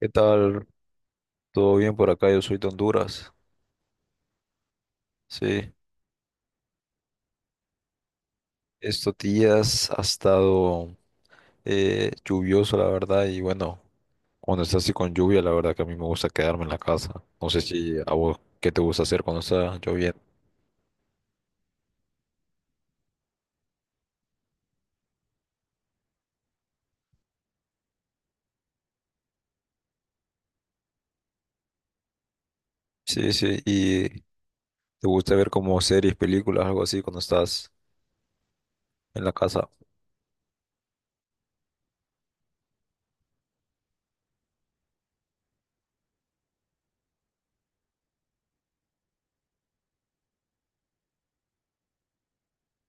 ¿Qué tal? ¿Todo bien por acá? Yo soy de Honduras. Sí, estos días ha estado lluvioso, la verdad, y bueno, cuando está así con lluvia, la verdad que a mí me gusta quedarme en la casa. No sé si a vos, ¿qué te gusta hacer cuando está lloviendo? Sí, sí, y te gusta ver como series, películas, algo así cuando estás en la casa.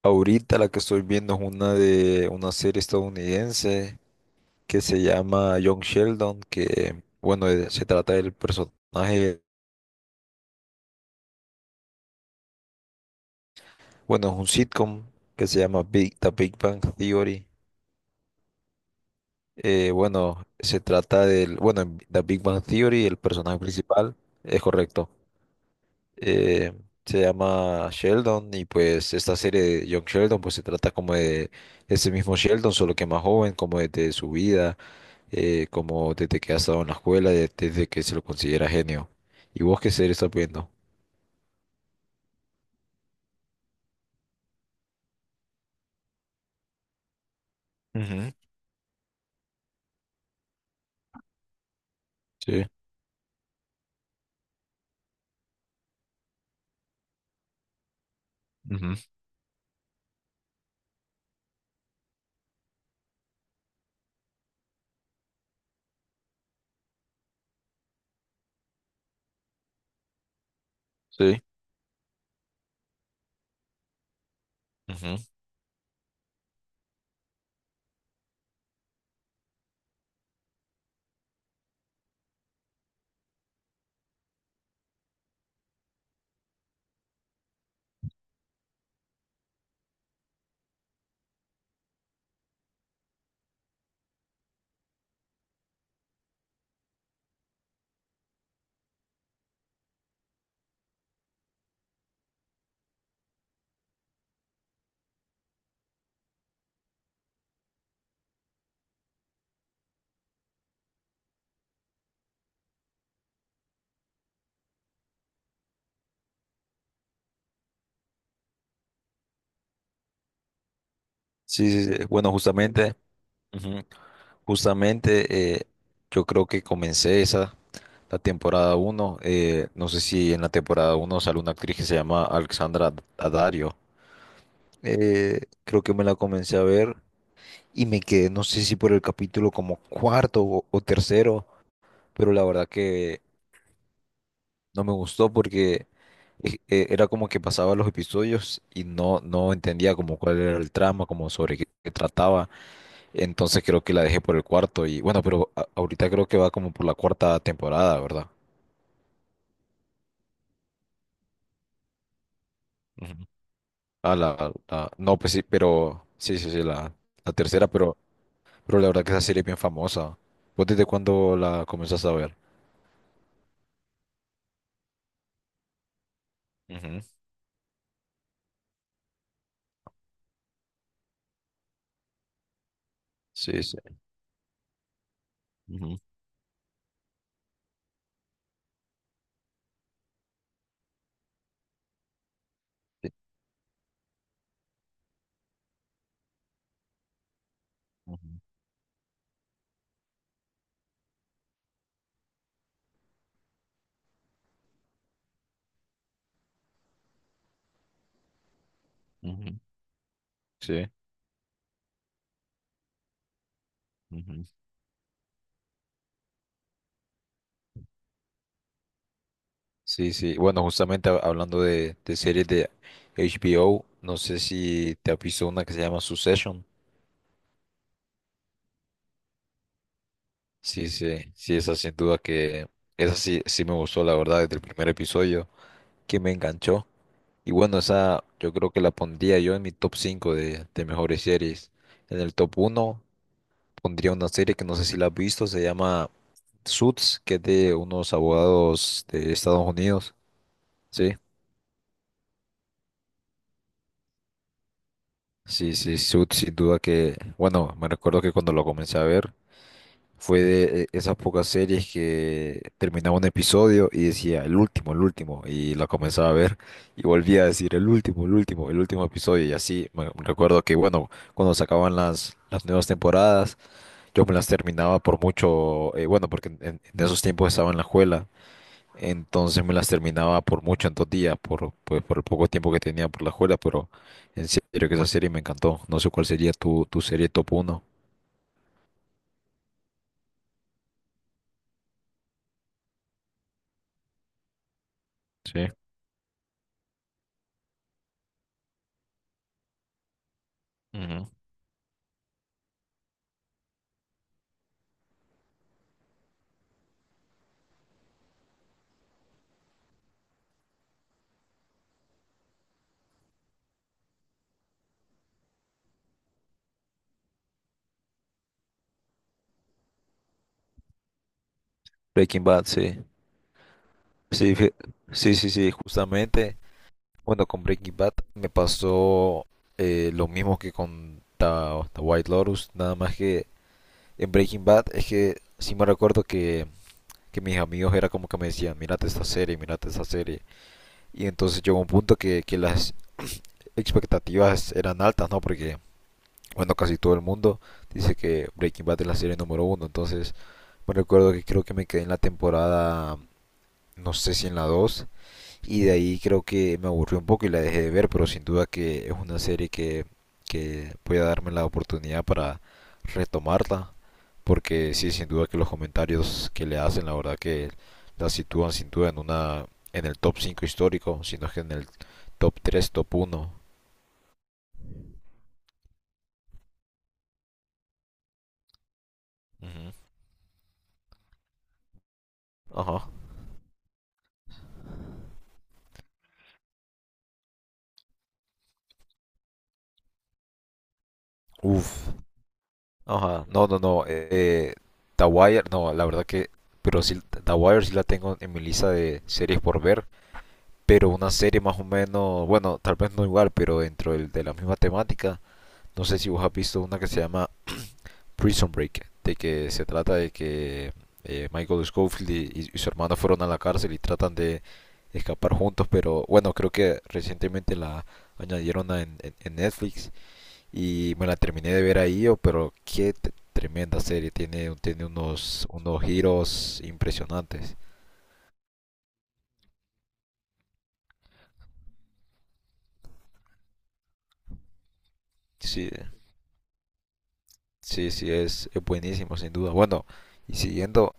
Ahorita la que estoy viendo es una de una serie estadounidense que se llama Young Sheldon, que bueno, se trata del personaje. Bueno, es un sitcom que se llama Big, The Big Bang Theory. Bueno, se trata del, bueno, en The Big Bang Theory, el personaje principal, es correcto. eh, Se llama Sheldon y pues esta serie de Young Sheldon pues se trata como de ese mismo Sheldon, solo que más joven, como desde su vida, como desde que ha estado en la escuela, desde que se lo considera genio. ¿Y vos qué serie estás viendo? Ujú. Sí, ujú, sí, ujú. Sí, sí, sí, bueno, justamente. Ujú. Justamente, yo creo que comencé esa, la temporada uno. Eh, no sé si en la temporada uno sale una actriz que se llama Alexandra Daddario. Creo que me la comencé a ver y me quedé, no sé si por el capítulo como cuarto o tercero, pero la verdad que no me gustó porque era como que pasaba los episodios y no, no entendía como cuál era el trama, como sobre qué, qué trataba. Entonces creo que la dejé por el cuarto y bueno, pero ahorita creo que va como por la cuarta temporada, ¿verdad? Ujú. Ah, la, no, pues sí, pero sí, sí, sí, la tercera, pero la verdad que esa serie es bien famosa. ¿Vos desde cuándo la comenzás a ver? Ujú, sí, ujú, sí, ujú, ujú, sí, ujú. Sí. Sí. Bueno, justamente hablando de series de HBO, no sé si te has visto una que se llama Succession. Sí, sí, sí, esa sin duda que esa sí, sí me gustó, la verdad, desde el primer episodio, que me enganchó. Y bueno, esa yo creo que la pondría yo en mi top 5 de mejores series. En el top uno pondría una serie que no sé si la has visto, se llama Suits, que es de unos abogados de Estados Unidos. Sí, sí, sí, Suits sin duda que, bueno, me recuerdo que cuando lo comencé a ver, fue de esas pocas series que terminaba un episodio y decía el último, y la comenzaba a ver y volvía a decir el último, el último, el último episodio y así. Me recuerdo que, bueno, cuando sacaban las nuevas temporadas, yo me las terminaba por mucho, bueno, porque en esos tiempos estaba en la escuela, entonces me las terminaba por mucho en dos días, por, pues, por el poco tiempo que tenía por la escuela, pero en serio que esa serie me encantó. No sé cuál sería tu, tu serie top uno. Sí. Ujú. Breaking Bad, sí. Sí, sí, sí, sí, justamente. Bueno, con Breaking Bad me pasó lo mismo que con The White Lotus, nada más que en Breaking Bad es que sí me recuerdo que mis amigos era como que me decían, mírate esta serie, mírate esta serie. Y entonces llegó un punto que las expectativas eran altas, ¿no? Porque, bueno, casi todo el mundo dice que Breaking Bad es la serie número uno. Entonces me recuerdo que creo que me quedé en la temporada, no sé si en la dos. Y de ahí creo que me aburrió un poco y la dejé de ver, pero sin duda que es una serie que voy a darme la oportunidad para retomarla, porque sí, sin duda que los comentarios que le hacen, la verdad que la sitúan sin duda en una, en el top 5 histórico, sino que en el top tres, top uno. Ujú. Ajá. Uf. Ajá. No, no, no. The Wire, no, la verdad que, pero sí, The Wire sí la tengo en mi lista de series por ver. Pero una serie más o menos, bueno, tal vez no igual, pero dentro de la misma temática, no sé si vos has visto una que se llama Prison Break, de que se trata de que Michael Scofield y su hermano fueron a la cárcel y tratan de escapar juntos, pero bueno, creo que recientemente la añadieron en Netflix y me la terminé de ver ahí, oh, pero qué tremenda serie, tiene, tiene unos, unos giros impresionantes. Sí, sí, sí, es buenísimo, sin duda. Bueno, y siguiendo,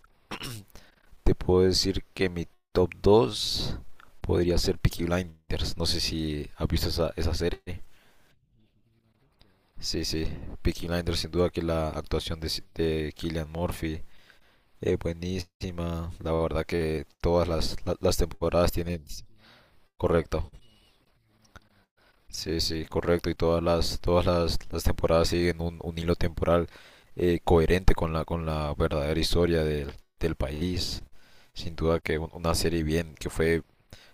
te puedo decir que mi top 2 podría ser Peaky Blinders. No sé si has visto esa, esa serie. Sí, sí, Peaky Blinders, sin duda que la actuación de Cillian Murphy es buenísima. La verdad que todas las, las temporadas tienen... Correcto. Sí, sí, correcto. Y todas las temporadas siguen un hilo temporal coherente con la verdadera historia del, del país. Sin duda que una serie bien, que fue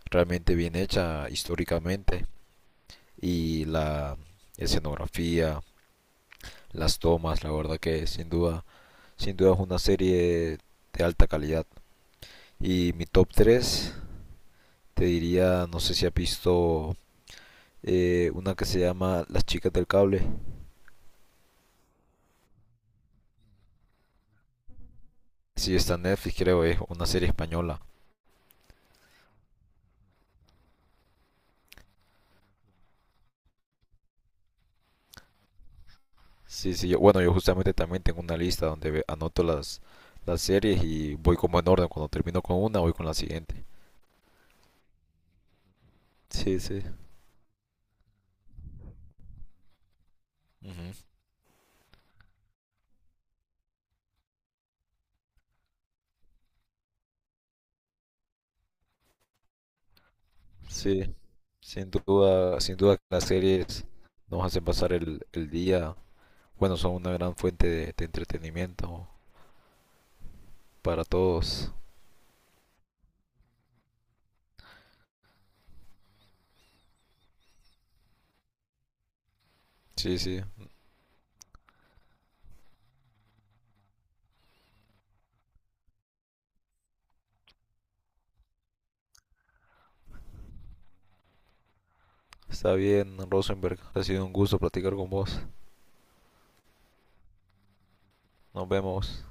realmente bien hecha históricamente. Y la escenografía, las tomas, la verdad que sin duda, sin duda es una serie de alta calidad. Y mi top 3 te diría, no sé si has visto una que se llama Las chicas del cable. Sí, está en Netflix, creo, es una serie española. Sí, sí, bueno, yo justamente también tengo una lista donde anoto las series y voy como en orden. Cuando termino con una, voy con la siguiente. Sí, sí. Ujú. Sí, sin duda, sin duda que las series nos hacen pasar el día. Bueno, son una gran fuente de entretenimiento para todos. Sí, sí. Está bien, Rosenberg. Ha sido un gusto platicar con vos. Nos vemos.